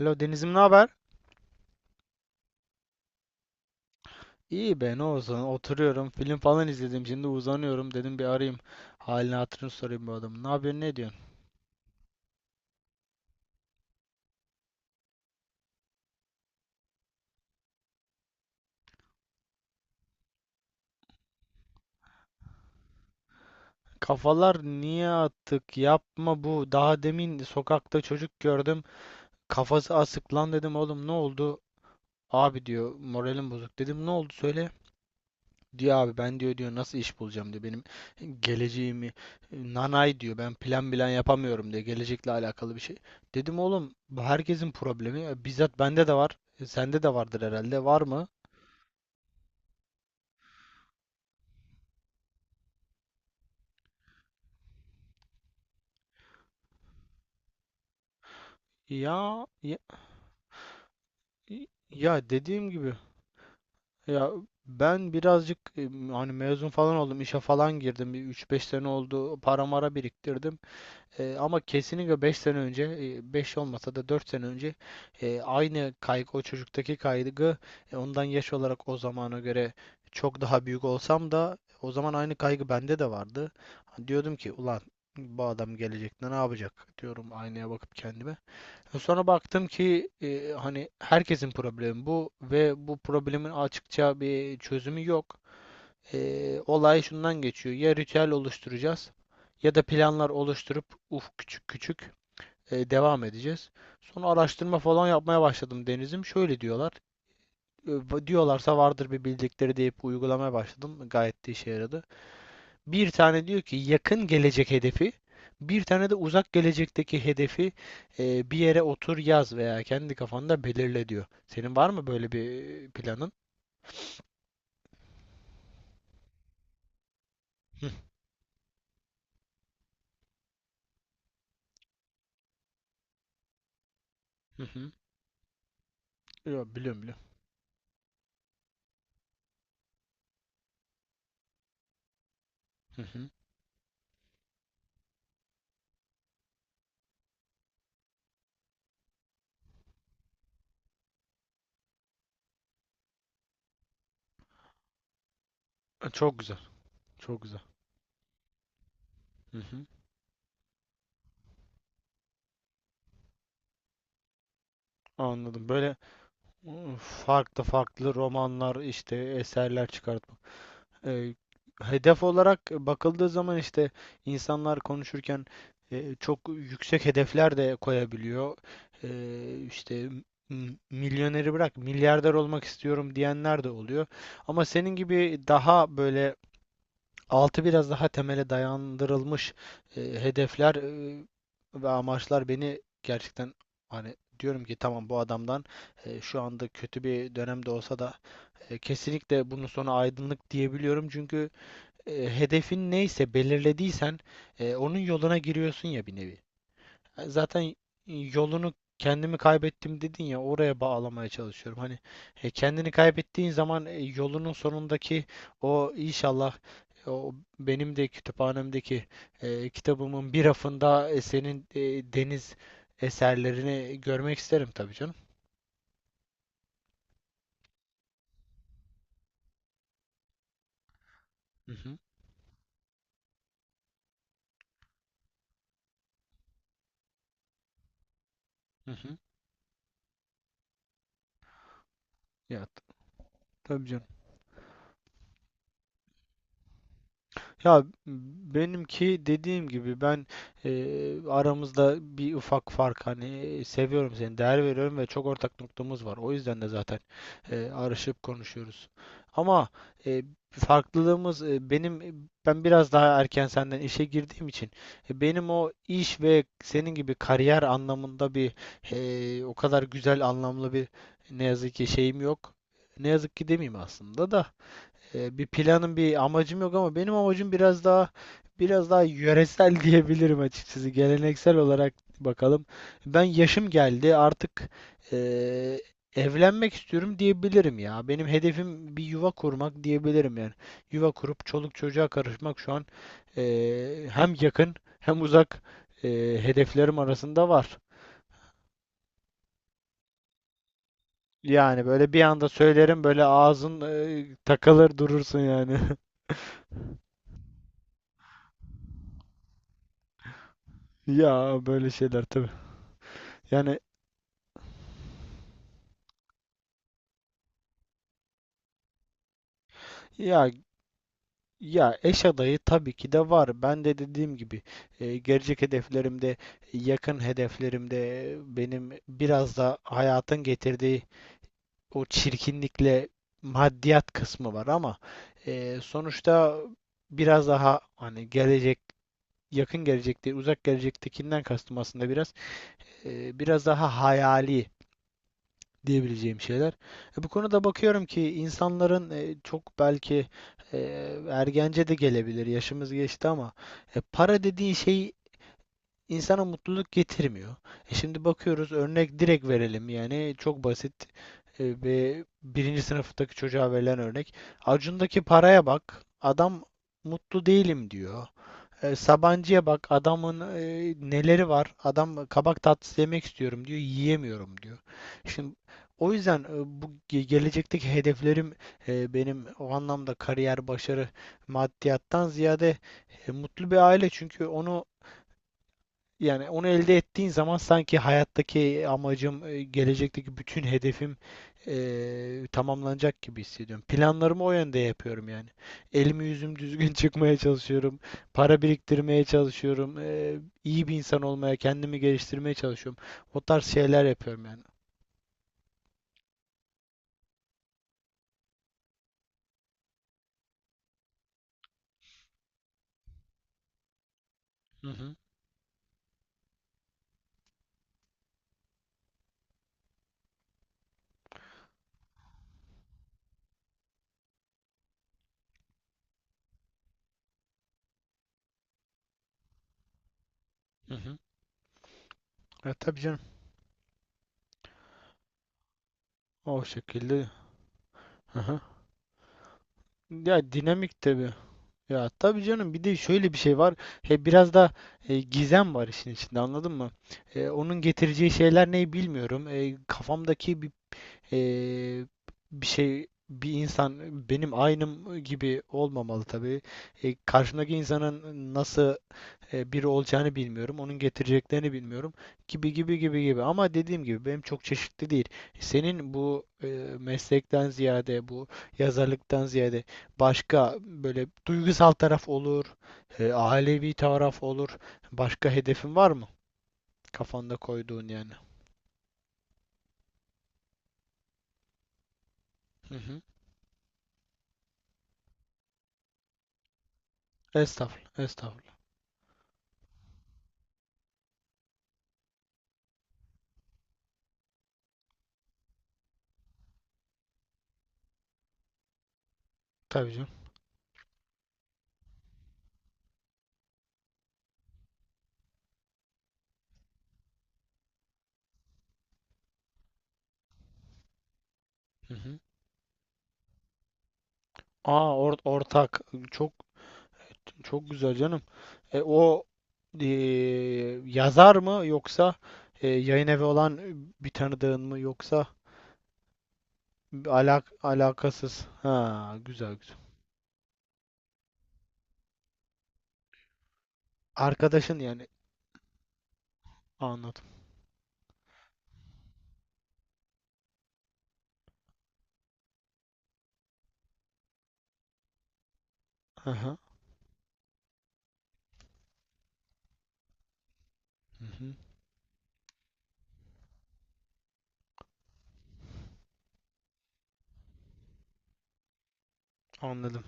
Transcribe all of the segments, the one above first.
Alo Deniz'im ne haber? İyi be ne olsun, oturuyorum, film falan izledim, şimdi uzanıyorum, dedim bir arayayım, halini hatırını sorayım bu adamın. Ne yapıyorsun, ne diyorsun? Kafalar niye attık, yapma. Bu daha demin sokakta çocuk gördüm, kafası asık. Lan dedim oğlum, ne oldu? Abi diyor, moralim bozuk. Dedim ne oldu, söyle. Diyor abi, ben diyor, nasıl iş bulacağım diyor, benim geleceğimi nanay diyor, ben plan bilen yapamıyorum diyor gelecekle alakalı bir şey. Dedim oğlum, bu herkesin problemi. Bizzat bende de var, sende de vardır herhalde, var mı? Ya, ya dediğim gibi, ya ben birazcık hani mezun falan oldum, işe falan girdim, bir üç beş sene oldu, para mara biriktirdim. Ama kesinlikle 5 sene önce, 5 olmasa da 4 sene önce aynı kaygı, o çocuktaki kaygı, ondan yaş olarak o zamana göre çok daha büyük olsam da o zaman aynı kaygı bende de vardı. Hani diyordum ki ulan bu adam gelecekte ne yapacak, diyorum aynaya bakıp kendime. Sonra baktım ki hani herkesin problemi bu ve bu problemin açıkça bir çözümü yok. Olay şundan geçiyor. Ya ritüel oluşturacağız, ya da planlar oluşturup uf, küçük küçük devam edeceğiz. Sonra araştırma falan yapmaya başladım Deniz'im. Şöyle diyorlar. e, Diyorlarsa vardır bir bildikleri deyip uygulamaya başladım. Gayet de işe yaradı. Bir tane diyor ki yakın gelecek hedefi, bir tane de uzak gelecekteki hedefi bir yere otur yaz veya kendi kafanda belirle diyor. Senin var mı böyle bir planın? Hı hı. Yok, biliyorum, biliyorum. Hı hı. Çok güzel. Çok güzel. Hı hı. Anladım. Böyle, farklı farklı romanlar, işte eserler çıkartmak. Ee, Hedef olarak bakıldığı zaman, işte insanlar konuşurken çok yüksek hedefler de koyabiliyor. İşte milyoneri bırak, milyarder olmak istiyorum diyenler de oluyor. Ama senin gibi daha böyle altı biraz daha temele dayandırılmış hedefler ve amaçlar beni gerçekten, hani diyorum ki tamam, bu adamdan şu anda kötü bir dönemde olsa da kesinlikle bunun sonu aydınlık diyebiliyorum. Çünkü e, hedefin neyse, belirlediysen onun yoluna giriyorsun ya bir nevi. Zaten yolunu, kendimi kaybettim dedin ya, oraya bağlamaya çalışıyorum. Hani kendini kaybettiğin zaman yolunun sonundaki o, inşallah, o benim de kütüphanemdeki kitabımın bir rafında senin Deniz eserlerini görmek isterim tabii canım. Hı hı. Hı hı. Ya tabii canım. Ya benimki, dediğim gibi, ben aramızda bir ufak fark, hani seviyorum seni, değer veriyorum ve çok ortak noktamız var. O yüzden de zaten arışıp konuşuyoruz. Ama e, farklılığımız ben biraz daha erken senden işe girdiğim için benim o iş ve senin gibi kariyer anlamında bir o kadar güzel, anlamlı bir, ne yazık ki şeyim yok. Ne yazık ki demeyeyim aslında da. Bir planım, bir amacım yok, ama benim amacım biraz daha yöresel diyebilirim açıkçası. Geleneksel olarak bakalım. Ben yaşım geldi artık, e, evlenmek istiyorum diyebilirim ya. Benim hedefim bir yuva kurmak diyebilirim yani. Yuva kurup çoluk çocuğa karışmak şu an hem yakın, hem uzak e, hedeflerim arasında var. Yani böyle bir anda söylerim, böyle ağzın takılır durursun yani. Ya, böyle şeyler tabii. Yani, Ya ya eş adayı tabii ki de var. Ben de dediğim gibi gelecek hedeflerimde, yakın hedeflerimde benim biraz da hayatın getirdiği o çirkinlikle maddiyat kısmı var, ama sonuçta biraz daha hani gelecek, yakın gelecekte, uzak gelecektekinden kastım aslında biraz biraz daha hayali diyebileceğim şeyler. Bu konuda bakıyorum ki insanların çok, belki e, ergence de gelebilir. Yaşımız geçti, ama para dediğin şey insana mutluluk getirmiyor. Şimdi bakıyoruz, örnek direkt verelim yani, çok basit ve birinci sınıftaki çocuğa verilen örnek. Acun'daki paraya bak. Adam mutlu değilim diyor. Sabancı'ya bak, adamın neleri var. Adam kabak tatlısı yemek istiyorum diyor, yiyemiyorum diyor. Şimdi, o yüzden bu gelecekteki hedeflerim benim o anlamda kariyer, başarı, maddiyattan ziyade mutlu bir aile. Çünkü onu, yani onu elde ettiğin zaman sanki hayattaki amacım, gelecekteki bütün hedefim tamamlanacak gibi hissediyorum. Planlarımı o yönde yapıyorum yani. Elimi yüzüm düzgün çıkmaya çalışıyorum. Para biriktirmeye çalışıyorum. İyi bir insan olmaya, kendimi geliştirmeye çalışıyorum. O tarz şeyler yapıyorum yani. Hı hı. Hı hı. E, tabii canım. O şekilde. Hı hı. Ya, dinamik tabii. Ya tabii canım, bir de şöyle bir şey var. He, biraz da gizem var işin içinde, anladın mı? Onun getireceği şeyler ne, bilmiyorum. Kafamdaki bir, e, bir şey, bir insan benim aynım gibi olmamalı tabii. Karşımdaki insanın nasıl biri olacağını bilmiyorum. Onun getireceklerini bilmiyorum. Gibi gibi gibi gibi. Ama dediğim gibi, benim çok çeşitli değil. Senin bu meslekten ziyade, bu yazarlıktan ziyade başka, böyle duygusal taraf olur, ailevi taraf olur. Başka hedefin var mı? Kafanda koyduğun yani. Hı hı. Estağfurullah, estağfurullah. Tabii canım. Hı hı. Aa, ortak, çok çok güzel canım. O e, yazar mı, yoksa yayın evi olan bir tanıdığın mı, yoksa alakasız. Ha, güzel güzel. Arkadaşın, yani anladım. Hı hı. Hı hı. Anladım.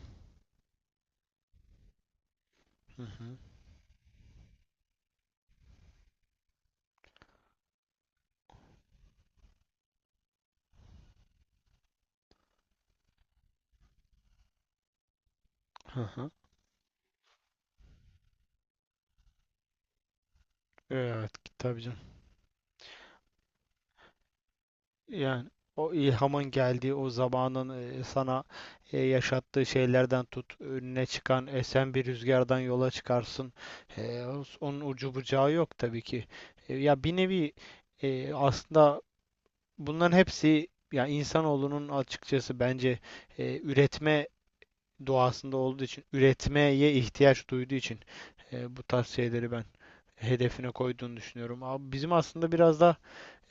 Hı hı. Hı hı. Evet, tabii canım. Yani, o ilhamın geldiği o zamanın sana yaşattığı şeylerden tut, önüne çıkan esen bir rüzgardan yola çıkarsın. E, Onun ucu bucağı yok tabii ki. Ya bir nevi aslında bunların hepsi, ya insanoğlunun açıkçası bence üretme doğasında olduğu için, üretmeye ihtiyaç duyduğu için bu tarz şeyleri ben hedefine koyduğunu düşünüyorum. Abi bizim aslında biraz da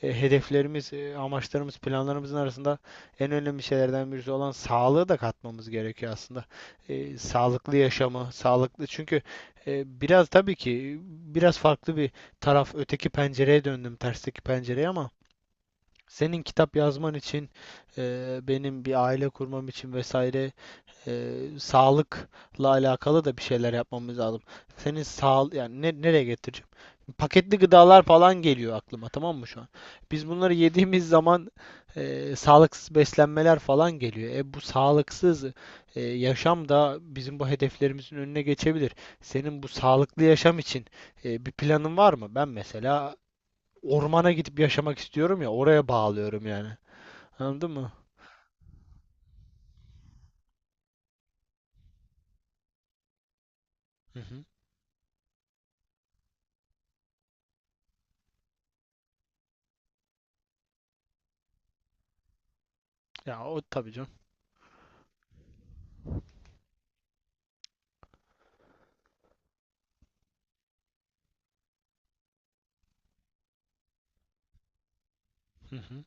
hedeflerimiz, amaçlarımız, planlarımızın arasında en önemli şeylerden birisi olan sağlığı da katmamız gerekiyor aslında. Sağlıklı yaşamı, sağlıklı çünkü biraz, tabii ki biraz farklı bir taraf, öteki pencereye döndüm, tersteki pencereye, ama senin kitap yazman için, benim bir aile kurmam için, vesaire sağlıkla alakalı da bir şeyler yapmamız lazım. Senin sağ yani ne, nereye getireceğim? Paketli gıdalar falan geliyor aklıma, tamam mı şu an? Biz bunları yediğimiz zaman sağlıksız beslenmeler falan geliyor. E bu sağlıksız yaşam da bizim bu hedeflerimizin önüne geçebilir. Senin bu sağlıklı yaşam için bir planın var mı? Ben mesela ormana gidip yaşamak istiyorum, ya oraya bağlıyorum yani. Anladın mı? Hı hı. Ya, o tabii canım. Hı hı.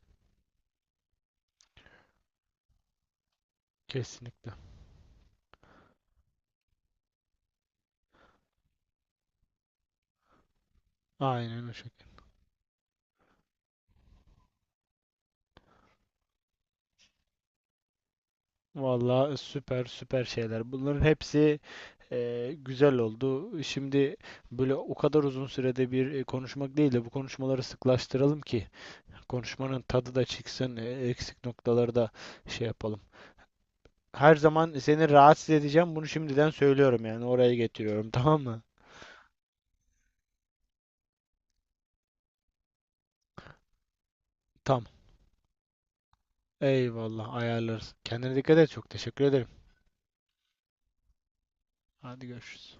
Kesinlikle. Aynen o şekilde. Valla, süper süper şeyler. Bunların hepsi güzel oldu. Şimdi böyle o kadar uzun sürede bir konuşmak değil de, bu konuşmaları sıklaştıralım ki konuşmanın tadı da çıksın, eksik noktaları da şey yapalım. Her zaman seni rahatsız edeceğim. Bunu şimdiden söylüyorum, yani oraya getiriyorum tamam mı? Tamam. Eyvallah, ayarlarız. Kendine dikkat et. Çok teşekkür ederim. Hadi görüşürüz.